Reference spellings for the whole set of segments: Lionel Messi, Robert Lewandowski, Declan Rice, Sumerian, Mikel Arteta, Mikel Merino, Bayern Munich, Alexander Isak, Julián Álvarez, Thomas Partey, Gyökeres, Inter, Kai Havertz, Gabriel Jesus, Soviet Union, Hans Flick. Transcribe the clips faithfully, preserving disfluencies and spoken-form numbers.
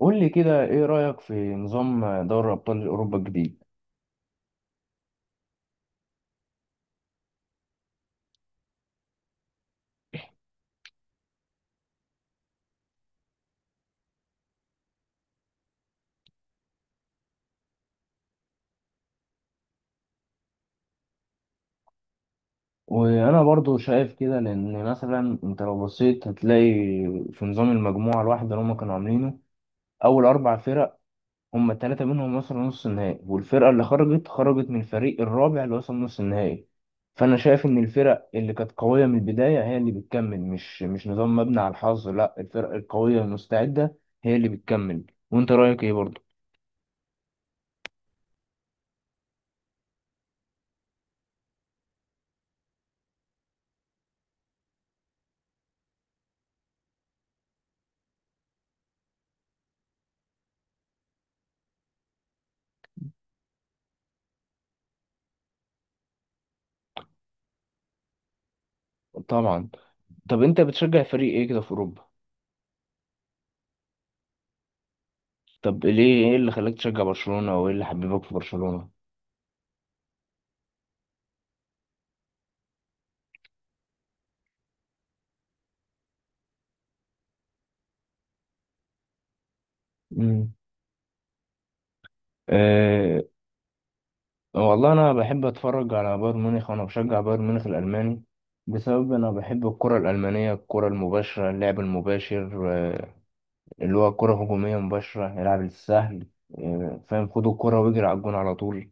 قول لي كده، ايه رأيك في نظام دوري ابطال اوروبا الجديد؟ وانا برضو شايف كده لان مثلا انت لو بصيت هتلاقي في نظام المجموعة الواحدة اللي هم كانوا عاملينه، اول اربع فرق هم التلاتة منهم وصلوا نص النهائي، والفرقة اللي خرجت خرجت من الفريق الرابع اللي وصل نص النهائي. فانا شايف ان الفرق اللي كانت قوية من البداية هي اللي بتكمل، مش مش نظام مبني على الحظ، لا، الفرق القوية المستعدة هي اللي بتكمل. وانت رأيك ايه برضو؟ طبعا. طب انت بتشجع فريق ايه كده في اوروبا؟ طب ليه، ايه اللي خلاك تشجع برشلونة، او ايه اللي حببك في برشلونة؟ مم. أه. والله انا بحب اتفرج على بايرن ميونخ، وانا بشجع بايرن ميونخ الالماني، بسبب انا بحب الكرة الالمانية، الكرة المباشرة، اللعب المباشر، آه، اللي هو كرة هجومية مباشرة، يلعب السهل، آه، فاهم، خدوا الكرة واجري على الجون على طول.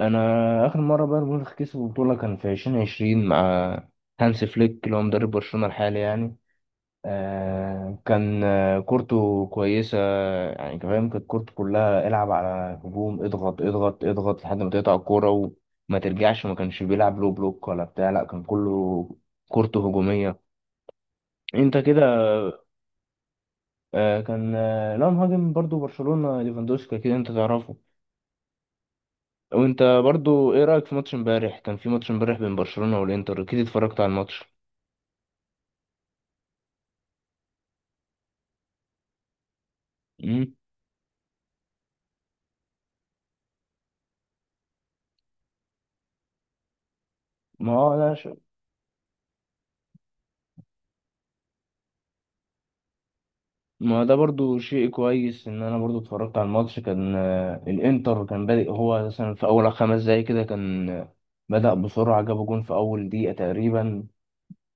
انا اخر مرة بايرن ميونخ كسبوا بطولة كان في عشرين عشرين مع هانس فليك، اللي هو مدرب برشلونة الحالي يعني. آه، كان آه، كورته كويسة. يعني أنت فاهم، كانت كورته كلها العب على هجوم، اضغط اضغط اضغط لحد ما تقطع الكورة وما ترجعش، ما كانش بيلعب لو بلوك ولا بتاع، لا كان كله كورته هجومية. انت كده، آه، كان آه، لا، مهاجم برضو برشلونة، ليفاندوسكي، كده انت تعرفه. وانت برضو ايه رأيك في ماتش امبارح؟ كان في ماتش امبارح بين برشلونة والانتر، اكيد اتفرجت على الماتش. مم. ما هو ده. ما ده برضو شيء كويس. ان انا برضو اتفرجت على الماتش، كان آه، الانتر كان بادئ هو مثلا في اول خمس دقايق كده، كان آه، بدأ بسرعة، جاب جون في اول دقيقة تقريبا،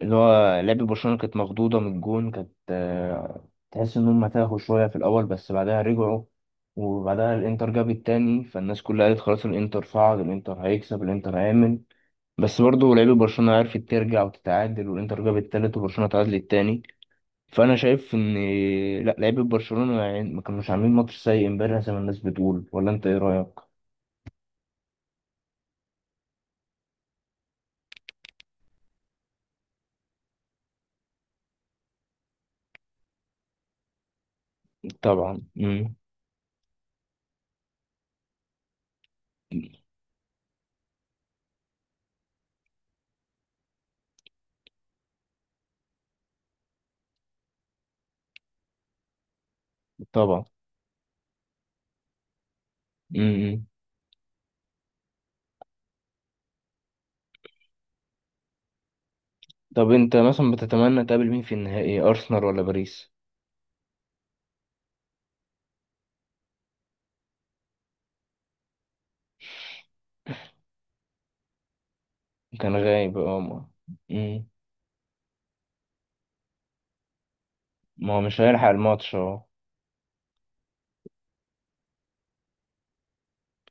اللي هو لعب برشلونة كانت مخضوضة من الجون، كانت آه، تحس ان هم تاهوا شوية في الاول، بس بعدها رجعوا. وبعدها الانتر جاب التاني، فالناس كلها قالت خلاص الانتر صعد، الانتر هيكسب، الانتر هيعمل. بس برضو لعيبة برشلونة عرفت ترجع وتتعادل، والانتر جاب التالت وبرشلونة تعادل التاني. فانا شايف ان، لا، لعيبه برشلونه يعني ما كانوش عاملين ماتش سيء امبارح زي ما الناس بتقول، ولا انت ايه رايك؟ طبعا. امم. طبعا. امم. طب انت مثلا بتتمنى تقابل مين في النهائي، ارسنال ولا باريس؟ كان غايب اه ما. مم. ما هو مش هيلحق الماتش اه.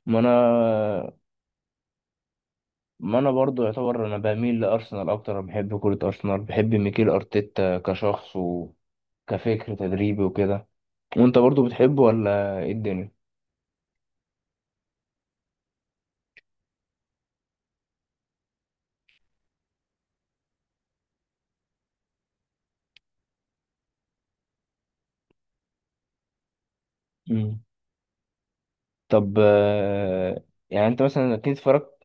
ما انا ما انا برضو يعتبر، انا بميل لارسنال اكتر، أنا بحب كرة ارسنال، بحب ميكيل ارتيتا كشخص وكفكر تدريبي وكده. وانت برضو بتحبه ولا ايه الدنيا؟ طب، آه، يعني انت مثلا اكيد اتفرجت.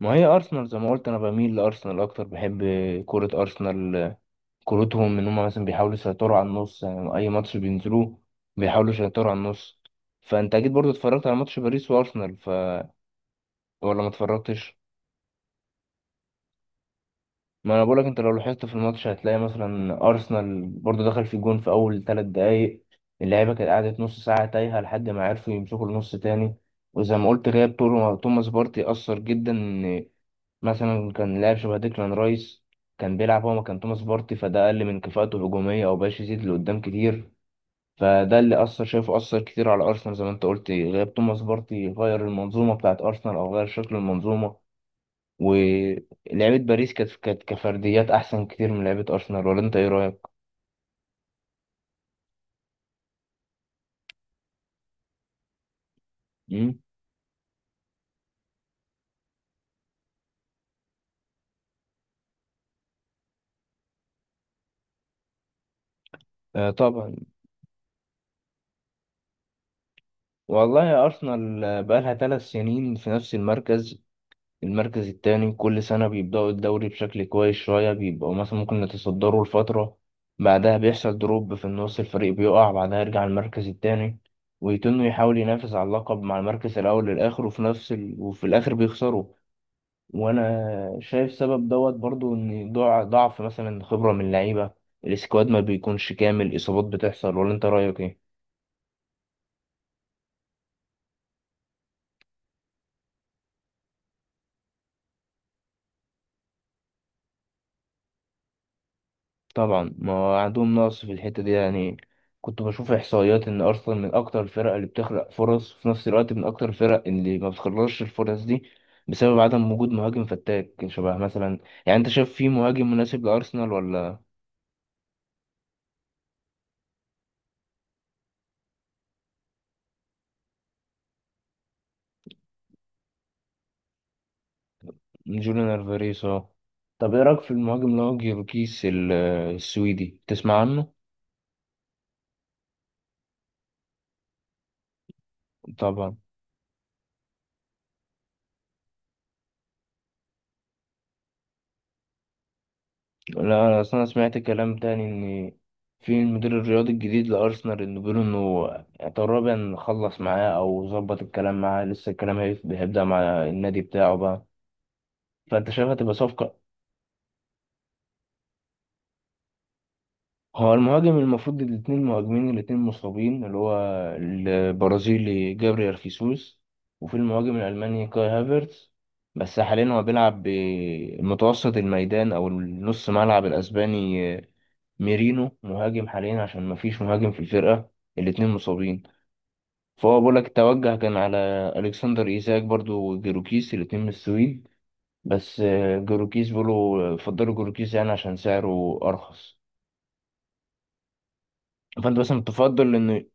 ما هي ارسنال زي ما قلت، انا بميل لارسنال اكتر، بحب كرة ارسنال، كورتهم ان هم مثلا بيحاولوا يسيطروا على النص، يعني اي ماتش بينزلوه بيحاولوا يسيطروا على النص. فانت اكيد برضو اتفرجت على ماتش باريس وارسنال ف ولا ما اتفرجتش؟ ما انا بقولك، انت لو لاحظت في الماتش هتلاقي مثلا ارسنال برضو دخل في الجون في اول ثلاث دقايق، اللعيبه كانت قعدت نص ساعه تايهه لحد ما عرفوا يمسكوا النص تاني. وزي ما قلت، غياب توما- توماس بارتي اثر جدا، مثلا كان لاعب شبه ديكلان رايس كان بيلعب هو مكان توماس بارتي، فده أقل من كفاءته هجومية، أو بقاش يزيد لقدام كتير. فده اللي أثر، شايفه أثر كتير على أرسنال، زي ما أنت قلت، غياب توماس بارتي غير المنظومة بتاعت أرسنال، أو غير شكل المنظومة. ولعيبة باريس كانت كانت كفرديات أحسن كتير من لعيبة أرسنال، ولا أنت إيه رأيك؟ مم؟ آه طبعا. والله يا أرسنال، آه، بقالها ثلاث سنين في نفس المركز، المركز التاني، كل سنة بيبدأوا الدوري بشكل كويس شوية، بيبقوا مثلا ممكن يتصدروا لفترة، بعدها بيحصل دروب في النص، الفريق بيقع، بعدها يرجع المركز التاني، ويتنه يحاول ينافس على اللقب مع المركز الأول للآخر، وفي نفس ال... وفي الآخر بيخسروا. وأنا شايف سبب دوت برضو، إن ضع- ضعف مثلا خبرة من اللعيبة، السكواد ما بيكونش كامل، إصابات بتحصل، ولا أنت رأيك إيه؟ طبعا. ما هو عندهم نقص في الحتة دي يعني. كنت بشوف إحصائيات إن أرسنال من أكتر الفرق اللي بتخلق فرص، في نفس الوقت من أكتر الفرق اللي ما بتخلصش الفرص دي، بسبب عدم وجود مهاجم فتاك شبه مثلا، يعني أنت شايف في مهاجم مناسب لأرسنال ولا؟ جوليان ألفاريز أه. طب إيه رأيك في المهاجم اللي هو جيوركيس ال- السويدي، تسمع عنه؟ طبعا. لا أنا أصلا سمعت كلام تاني، إن في المدير الرياضي الجديد لأرسنال، إنه بيقولوا إنه تقريبا خلص معاه أو ظبط الكلام معاه، لسه الكلام هيف- هيبدأ مع النادي بتاعه بقى. فأنت شايف هتبقى صفقة؟ هو المهاجم المفروض، الاثنين مهاجمين الاثنين مصابين، اللي هو البرازيلي جابريال خيسوس، وفي المهاجم الألماني كاي هافرتز، بس حاليا هو بيلعب بمتوسط الميدان أو النص ملعب، الأسباني آه، ميرينو، مهاجم حاليا عشان مفيش مهاجم في الفرقة، الاتنين مصابين. فهو بقولك التوجه كان على ألكسندر إيزاك برضو وجيروكيس، الاتنين من السويد، بس آه، جيروكيس بيقولوا فضلوا جيروكيس يعني عشان سعره أرخص. فأنت مثلا تفضل إن.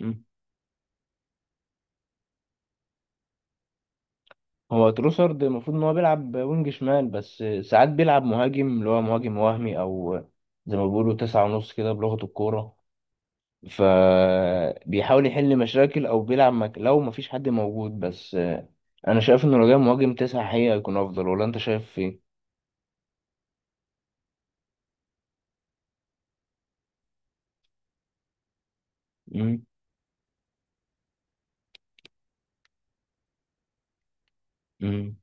مم. هو تروسارد المفروض ان هو بيلعب وينج شمال، بس ساعات بيلعب مهاجم، اللي هو مهاجم وهمي، او زي ما بيقولوا تسعة ونص كده بلغة الكورة، فبيحاول يحل مشاكل، او بيلعب مك... لو مفيش حد موجود، بس انا شايف انه لو جاي مهاجم تسعة حقيقة هيكون افضل، ولا انت شايف ايه؟ مم. مم.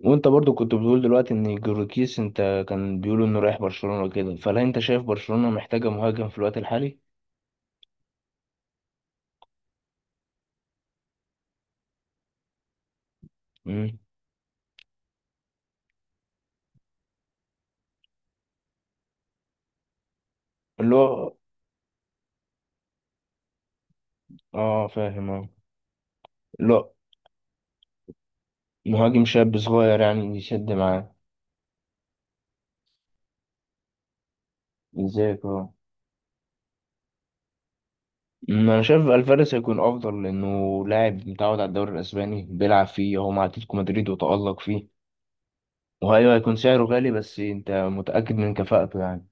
وانت برضو كنت بتقول دلوقتي ان جوركيس، انت كان بيقولوا انه رايح برشلونة كده، فهل انت شايف برشلونة محتاجة مهاجم في الوقت الحالي؟ مم. اللي هو. اه فاهم اه. لا، مهاجم شاب صغير يعني يسد معاه. ازيك اه. أمم، انا شايف الفاريز هيكون افضل، لانه لاعب متعود على الدوري الاسباني، بيلعب فيه هو مع اتلتيكو مدريد وتالق فيه، وهيو هيكون سعره غالي بس انت متاكد من كفاءته يعني.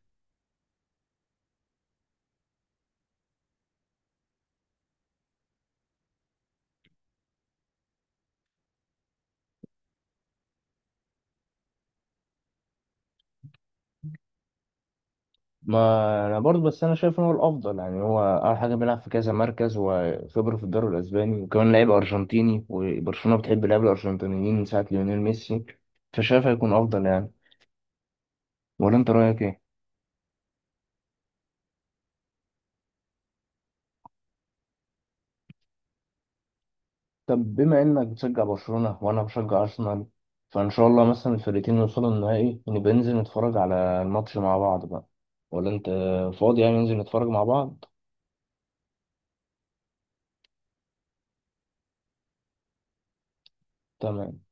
ما انا برضه، بس انا شايف ان هو الافضل يعني، هو اول حاجه بيلعب في كذا مركز، وخبره في الدوري الاسباني، وكمان لعيب ارجنتيني، وبرشلونه بتحب اللعيبه الارجنتينيين من ساعه ليونيل ميسي، فشايف هيكون افضل يعني. ولا انت رايك ايه؟ طب بما انك بتشجع برشلونة وانا بشجع ارسنال، فان شاء الله مثلا الفرقتين يوصلوا النهائي، نبقى ننزل نتفرج على الماتش مع بعض بقى، ولا انت فاضي يعني ننزل نتفرج مع بعض؟ تمام.